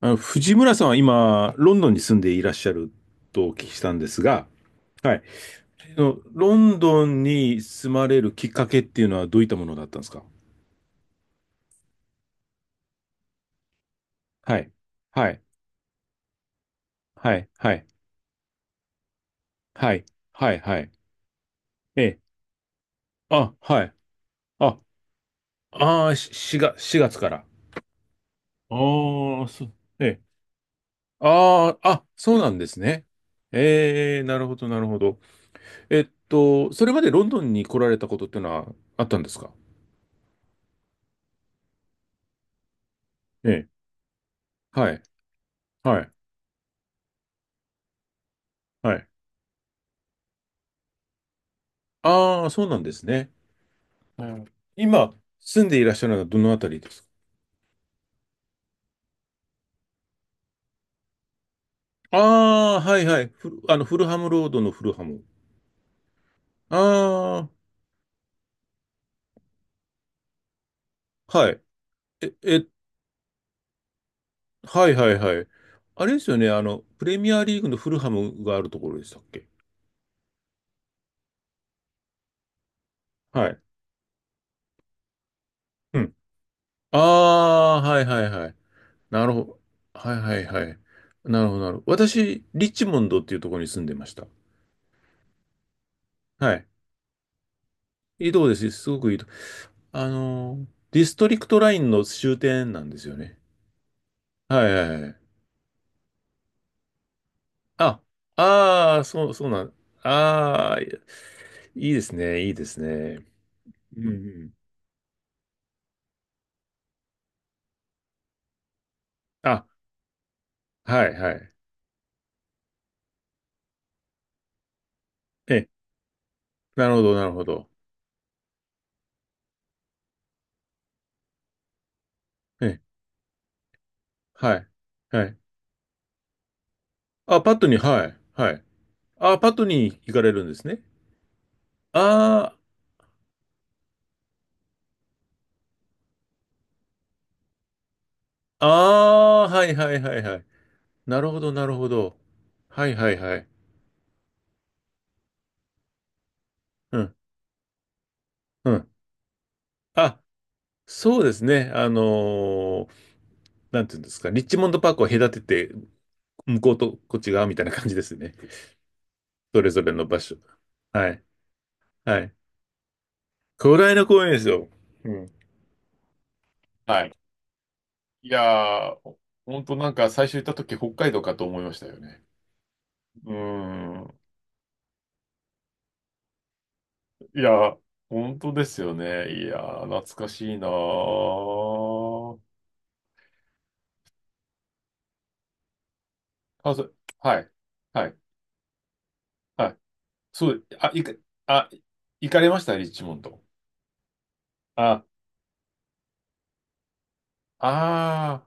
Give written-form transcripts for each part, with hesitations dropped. あの、藤村さんは今、ロンドンに住んでいらっしゃるとお聞きしたんですが、はい。あのロンドンに住まれるきっかけっていうのはどういったものだったんですか？はい。はい。はい。はい。はい。はい。はい。ええ。あ、はい。あ、ああ、ししが4月から。ああ、そう。ええ。ああ、あ、そうなんですね。ええ、なるほど、なるほど。それまでロンドンに来られたことっていうのはあったんですか？ええ。はい。はい。はい。ああ、そうなんですね。うん。今、住んでいらっしゃるのはどのあたりですか？ああ、はいはい。フルハムロードのフルハム。ああ、はい。え、え、はいはいはい。あれですよね。あの、プレミアリーグのフルハムがあるところでしたっけ？はい。うん。ああ、はいはいはい。なるほど。はいはいはい。なるほどなるほど。私、リッチモンドっていうところに住んでました。はい。いいとこですすごくいいとこ。ディストリクトラインの終点なんですよね。はいはいはい。あ、ああ、そう、そうなん。ああ、いいですね、いいですね。うんうん。あ、はいはい。え、なるほど、なるほど。え、はい、はい。あ、パットに、はい、はい。あ、パットに行かれるんですね。ああ、ああ、はいはいはいはい。なるほど、なるほど。はいはいはい。うん、うん。あ、そうですね。なんていうんですか、リッチモンドパークを隔てて向こうとこっち側みたいな感じですね。それぞれの場所。はい。はい。巨大な公園ですよ。うん。はい。いやー、本当なんか最初行った時北海道かと思いましたよね。うーん。いや、本当ですよね。いやー、懐かしいなー。あ、そ、はい。はい。はい。そう、あ、いか、あ、行かれましたリッチモンド。あ、あ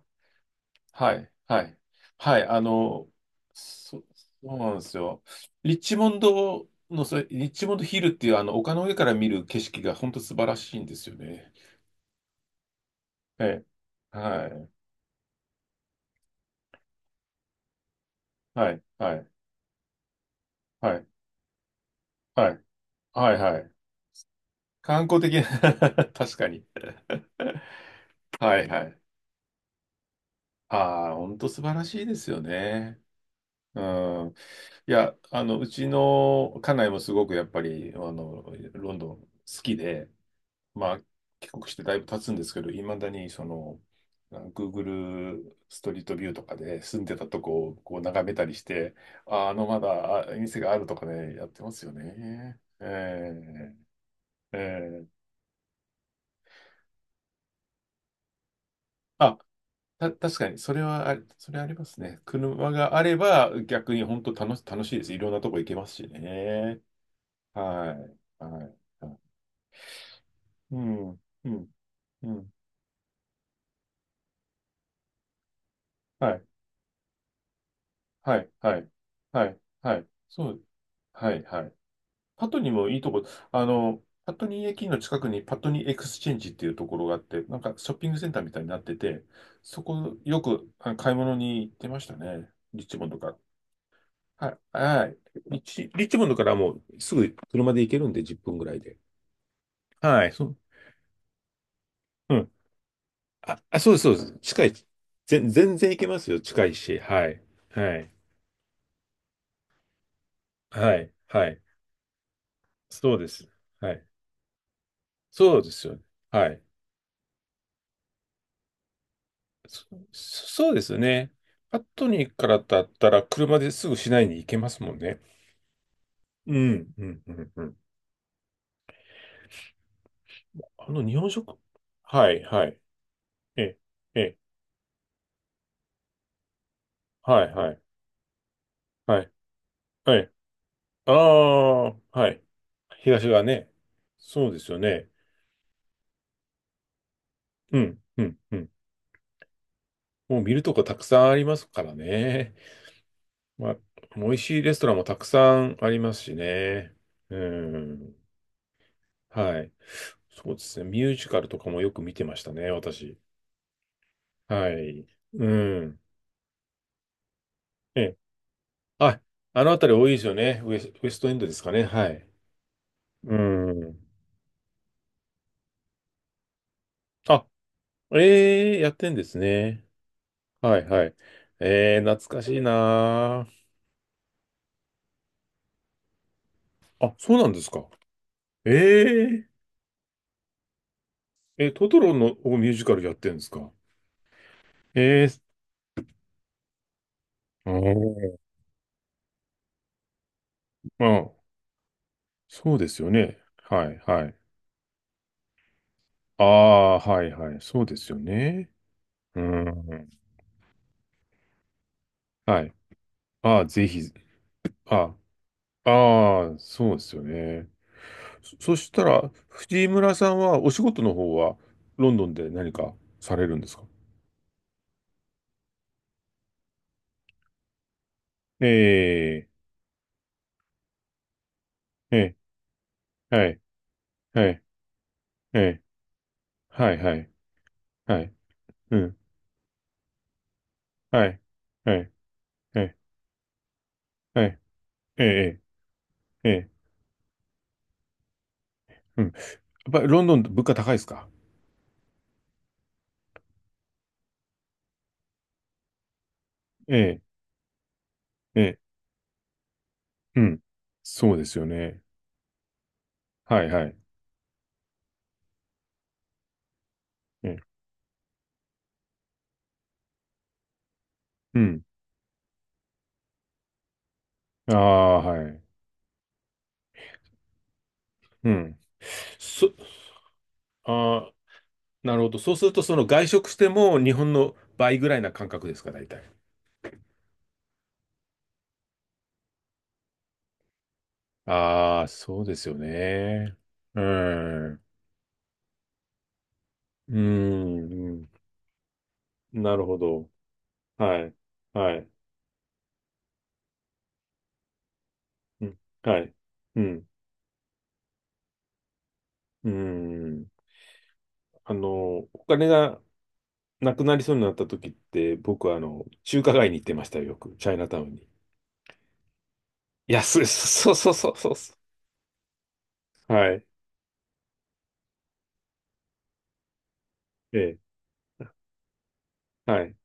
あ。はい、はい、はい、あの、そ、そうなんですよ。リッチモンドの、それ、リッチモンドヒルっていう、あの、丘の上から見る景色が本当素晴らしいんですよね。ええ、はい、はい、はい、はい、はい、はい、はい。観光的な 確かに。はい、はい。ああ、本当素晴らしいですよね。うん。いや、あの、うちの家内もすごくやっぱり、あの、ロンドン好きで、まあ、帰国してだいぶ経つんですけど、いまだにその、あ Google ストリートビューとかで住んでたとこをこう眺めたりして、あ、あのまだあ店があるとかね、やってますよね。えー、えー、あ、確かに、それはあれ、それありますね。車があれば逆に本当楽しいです。いろんなとこ行けますしね。はい。はい。はいうん。うん。うん。はい。はい。はい。はい。はい。そう。はい。はい。パトニーもいいとこ、あの、パトニー駅の近くにパトニーエクスチェンジっていうところがあって、なんかショッピングセンターみたいになってて、そこよく買い物に行ってましたね。リッチモンドから。はい。はい。リッチモンドからもうすぐ車で行けるんで、10分ぐらいで。はい。そう、うん。あ、あ、そうです、そうです。近い。全然行けますよ。近いし。はい。はい。はい。はい。そうです。はい。そうですよね。はい。そ、そうですね。パットニーからだったら車ですぐ市内に行けますもんね。うん、うん、うん、うん。あの日本食はい、はい。え、え、はい、はい、はい、はい。ああ、はい。東側ね。そうですよね。うん、うん、うん。もう見るとこたくさんありますからね。まあ、美味しいレストランもたくさんありますしね。うん。はい。そうですね。ミュージカルとかもよく見てましたね、私。はい。うん。ええ。あ、あのあたり多いですよね。ウエストエンドですかね。はい。うん。あ、ええやってんですね。はいはい。ええ懐かしいなあ。あ、そうなんですか。えええ、トトロのをミュージカルやってんですか？ええおー、あ、そうですよね。はいはい。ああ、はいはい。そうですよね。うん。はい。ああ、ぜひ、ああ、ああそうですよね。そしたら、藤村さんはお仕事の方はロンドンで何かされるんですか？ええ、ええ、はい、はい、ええ、はい、はい、はい、うん、はい、はい、はい、はい、ええ、ええ、ええうん。やっぱりロンドンって物価高いですか？ええ、ええ、うん。そうですよね。はい、はい、ええ、うん。ああ、はい、うん。そ、ああ、なるほど。そうすると、その外食しても日本の倍ぐらいな感覚ですか、大体。ああ、そうですよね。うん。うん。うんなるほど。はい。はい。うん。はい。うん。うん。あの、お金がなくなりそうになった時って、僕はあの、中華街に行ってましたよ、よく。チャイナタウンに。いや、そう、そうそうそうそうそう。はい。ええ。はい。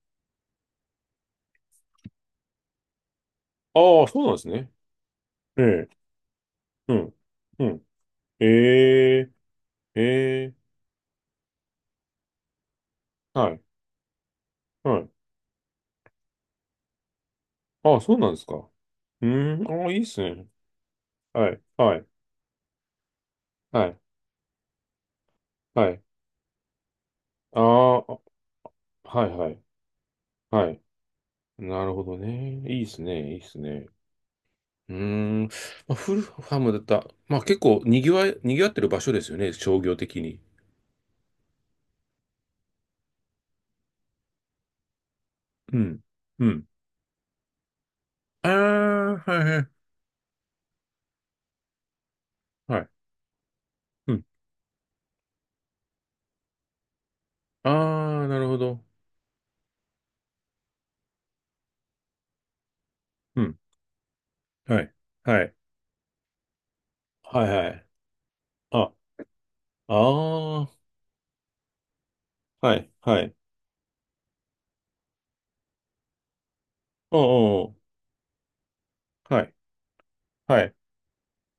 ああ、そうなんですね。ええ。うん。うん。ええ。ええ。はい。はい。ああ、そうなんですか。うーん。ああ、いいっすね。はい。はい。はい。はい。ああ、はいはい。はい。なるほどね。いいっすね。いいっすね。うーん。まあ、フルハムだった。まあ結構賑わってる場所ですよね。商業的に。うん。うん。ああ、はいはい。はい。うん。ああ、なるほど。うん。はい。はい。はいはい。あ、ああ、はい。はい。おうおう。はい。はい。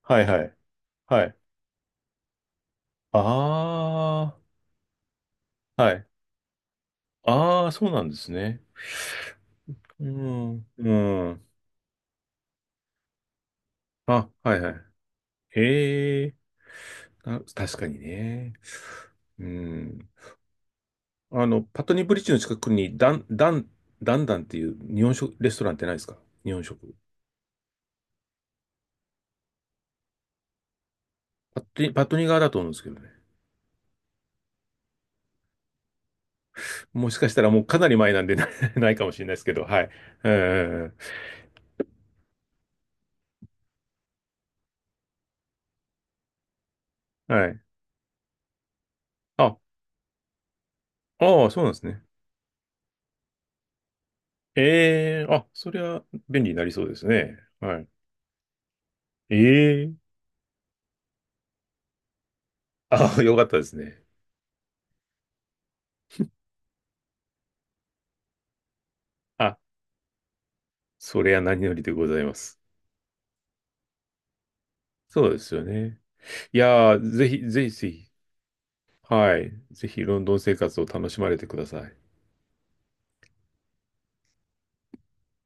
はいはい。はい。ああ、はい。ああ、そうなんですね。うん。うん。あ、はいはい。へえ。あ、確かにね。うん。あの、パトニーブリッジの近くに、ダンダンっていう日本食、レストランってないですか？日本食。パトニー、パトニー側だと思うんですけどね。もしかしたらもうかなり前なんでな ないかもしれないですけど、はい。ええ、はい。あ、ああ、そうなんですね。ええ、あ、そりゃ便利になりそうですね。はい。ええ、あ、よかったですね。あ、それは何よりでございます。そうですよね。いやー、ぜひ、ぜひぜひ、はい。ぜひ、ロンドン生活を楽しまれてください。